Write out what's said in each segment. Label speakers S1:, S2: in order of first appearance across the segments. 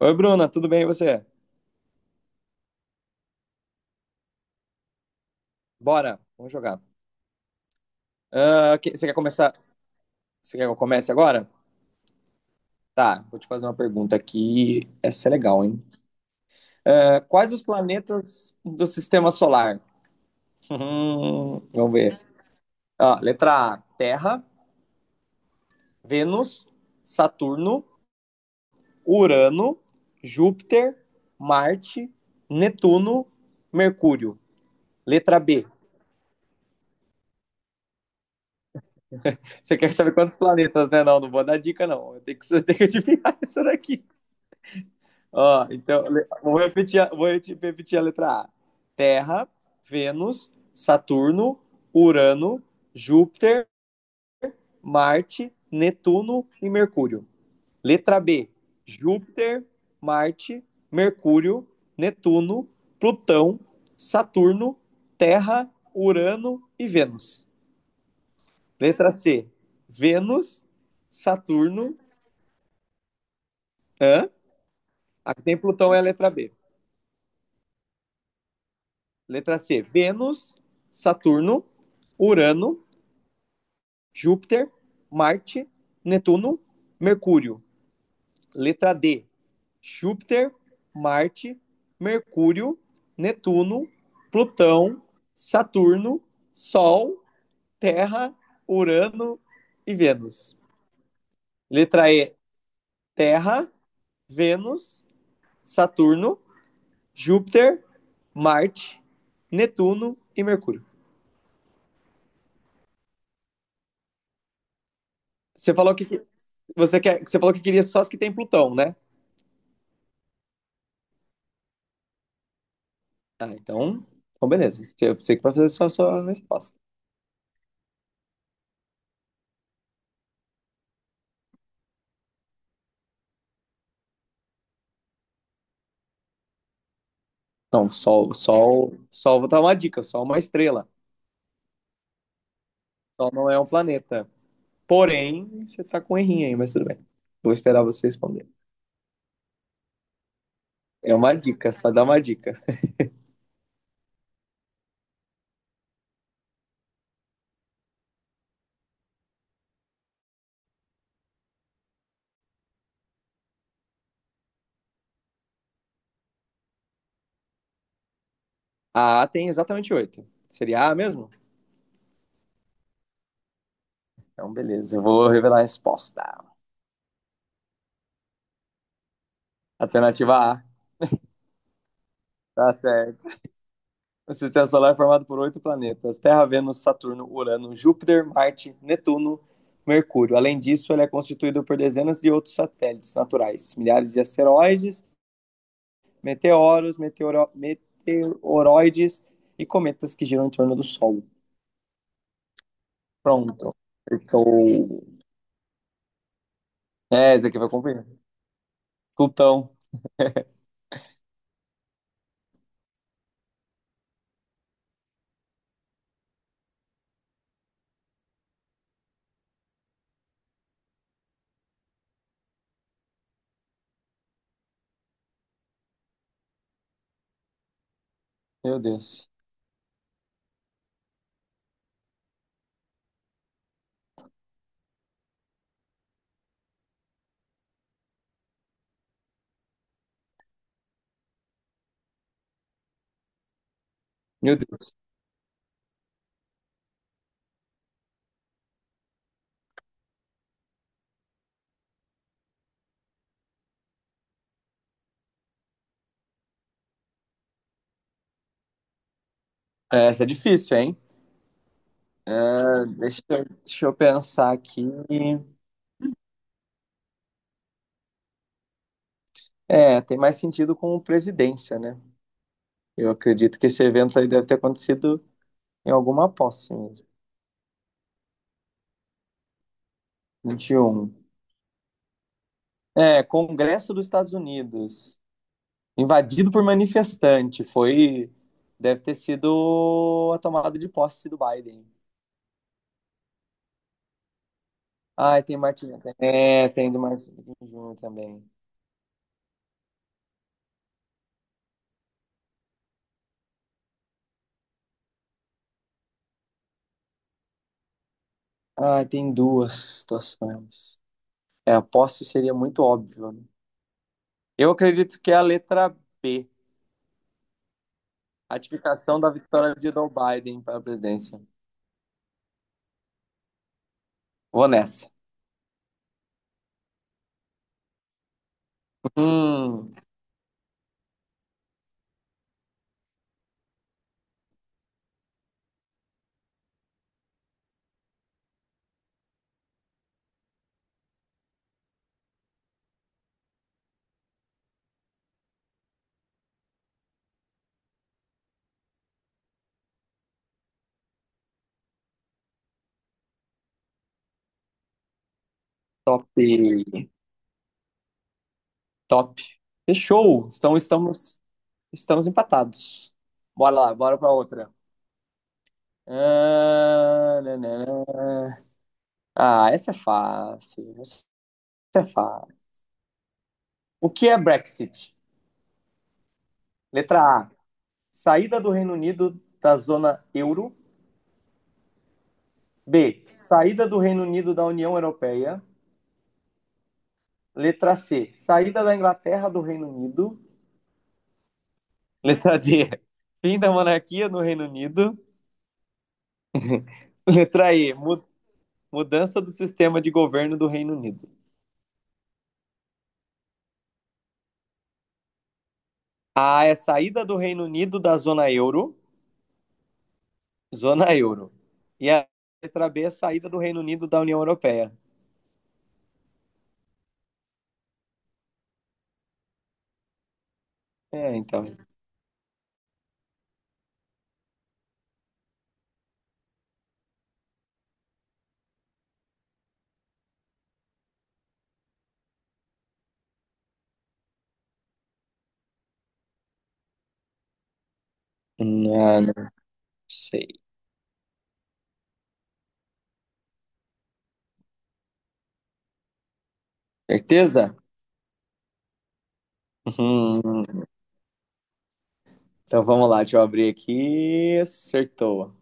S1: Oi, Bruna, tudo bem e você? Bora, vamos jogar. Ah, você quer começar? Você quer que eu comece agora? Tá, vou te fazer uma pergunta aqui. Essa é legal, hein? Ah, quais os planetas do sistema solar? Vamos ver. Ó, letra A: Terra, Vênus, Saturno, Urano, Júpiter, Marte, Netuno, Mercúrio. Letra B. Você quer saber quantos planetas, né? Não, não vou dar dica, não. Eu tenho que, você tem que adivinhar isso daqui. Ó, então, vou repetir, repetir a letra A. Terra, Vênus, Saturno, Urano, Júpiter, Marte, Netuno e Mercúrio. Letra B. Júpiter, Marte, Mercúrio, Netuno, Plutão, Saturno, Terra, Urano e Vênus. Letra C. Vênus, Saturno, hã? Aqui tem Plutão, é a letra B. Letra C, Vênus, Saturno, Urano, Júpiter, Marte, Netuno, Mercúrio. Letra D, Júpiter, Marte, Mercúrio, Netuno, Plutão, Saturno, Sol, Terra, Urano e Vênus. Letra E, Terra, Vênus, Saturno, Júpiter, Marte, Netuno e Mercúrio. Você falou que você quer, você falou que queria só as que tem Plutão, né? Ah, então beleza. Você que vai fazer só a sua resposta. Não, Sol, Sol, Sol, vou dar uma dica, Sol é uma estrela. Sol não é um planeta. Porém, você tá com um errinho aí, mas tudo bem. Vou esperar você responder. É uma dica, só dá uma dica. A tem exatamente oito. Seria A mesmo? Então, beleza, eu vou revelar a resposta. Alternativa A. Tá certo. O sistema solar é formado por oito planetas: Terra, Vênus, Saturno, Urano, Júpiter, Marte, Netuno, Mercúrio. Além disso, ele é constituído por dezenas de outros satélites naturais, milhares de asteroides, meteoros, meteoroides e cometas que giram em torno do Sol. Pronto. Acertou. É, esse aqui vai cumprir. Plutão. Meu Deus. Meu Deus. É, essa é difícil, hein? É, deixa eu pensar aqui. É, tem mais sentido com presidência, né? Eu acredito que esse evento aí deve ter acontecido em alguma posse mesmo. 21. É, Congresso dos Estados Unidos, invadido por manifestante, foi, deve ter sido a tomada de posse do Biden. Ah, tem Martin, é, tem do Martin Jr. também. Ah, tem duas situações. É, a posse seria muito óbvio, né? Eu acredito que é a letra B, ratificação da vitória de Joe Biden para a presidência. Vou nessa. Hum, top. Top. Fechou. Então estamos empatados. Bora lá, bora pra outra. Ah, nananã. Ah, essa é fácil. Essa é fácil. O que é Brexit? Letra A. Saída do Reino Unido da zona euro. B. Saída do Reino Unido da União Europeia. Letra C. Saída da Inglaterra do Reino Unido. Letra D. Fim da monarquia no Reino Unido. Letra E. Mudança do sistema de governo do Reino Unido. A é saída do Reino Unido da zona euro, zona euro. E a letra B é saída do Reino Unido da União Europeia. É, então. Não, não sei. Certeza? Hum, Então vamos lá, deixa eu abrir aqui. Acertou.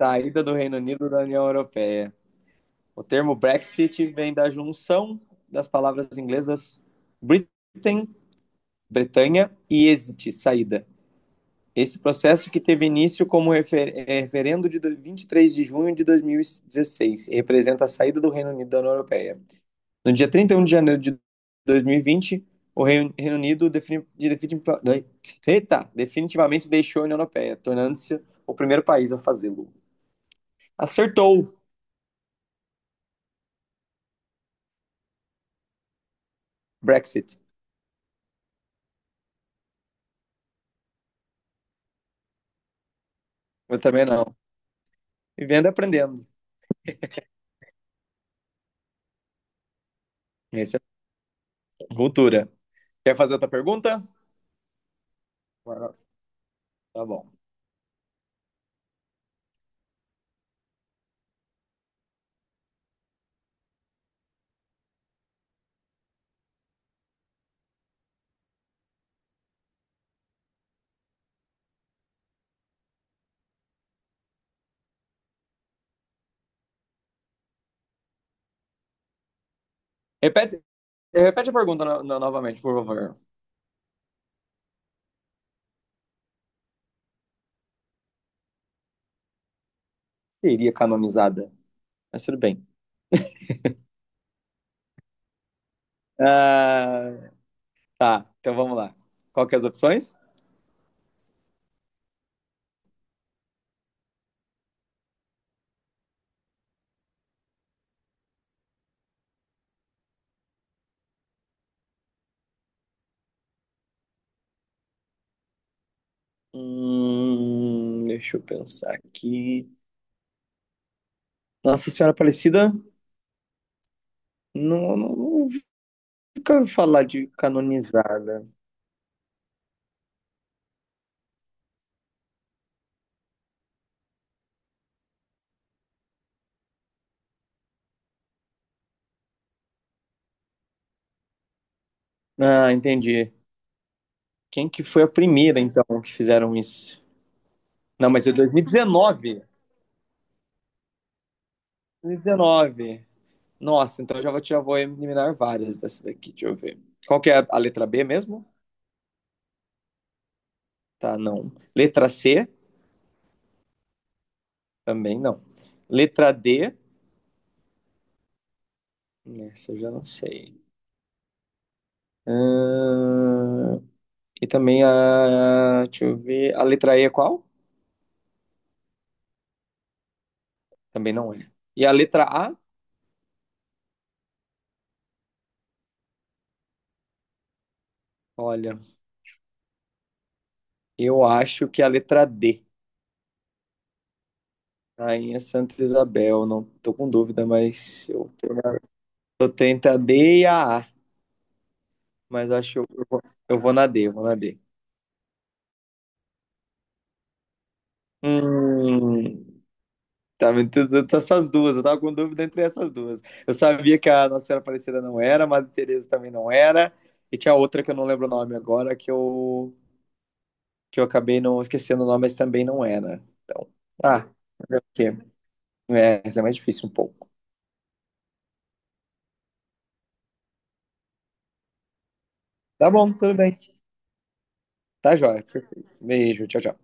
S1: Saída do Reino Unido da União Europeia. O termo Brexit vem da junção das palavras inglesas Britain, Bretanha, e exit, saída. Esse processo que teve início como referendo de 23 de junho de 2016 e representa a saída do Reino Unido da União Europeia. No dia 31 de janeiro de 2020, o Reino Unido definitivamente deixou a União Europeia, tornando-se o primeiro país a fazê-lo. Acertou Brexit. Eu também não. Vivendo e aprendendo. Essa é a cultura. Quer fazer outra pergunta? Tá bom. Repete, repete a pergunta no, no, novamente, por favor. Seria canonizada, mas tudo bem. Ah, tá, então vamos lá. Qual que é as opções? Deixa eu pensar aqui. Nossa Senhora Aparecida, não, não, nunca ouvi falar de canonizada. Ah, entendi. Quem que foi a primeira, então, que fizeram isso? Não, mas é 2019. 2019. Nossa, então eu já vou eliminar várias dessa daqui, deixa eu ver. Qual que é a letra B mesmo? Tá, não. Letra C? Também não. Letra D, nessa eu já não sei. Ahn, e também a. Deixa eu ver. A letra E é qual? Também não é. E a letra A? Olha, eu acho que a letra D. Rainha Santa Isabel. Não tô com dúvida, mas eu tento a D e a A. Mas acho que eu vou na D, eu vou na D. Hum, tá me tentando essas duas. Eu tava com dúvida entre essas duas. Eu sabia que a Nossa Senhora Aparecida não era, a Madre Teresa também não era. E tinha outra que eu não lembro o nome agora, que eu acabei não esquecendo o nome, mas também não é, né? Então, ah, fazer o quê? É, isso é mais difícil um pouco. Tá bom, tudo bem. Tá jóia, perfeito. Beijo, tchau, tchau.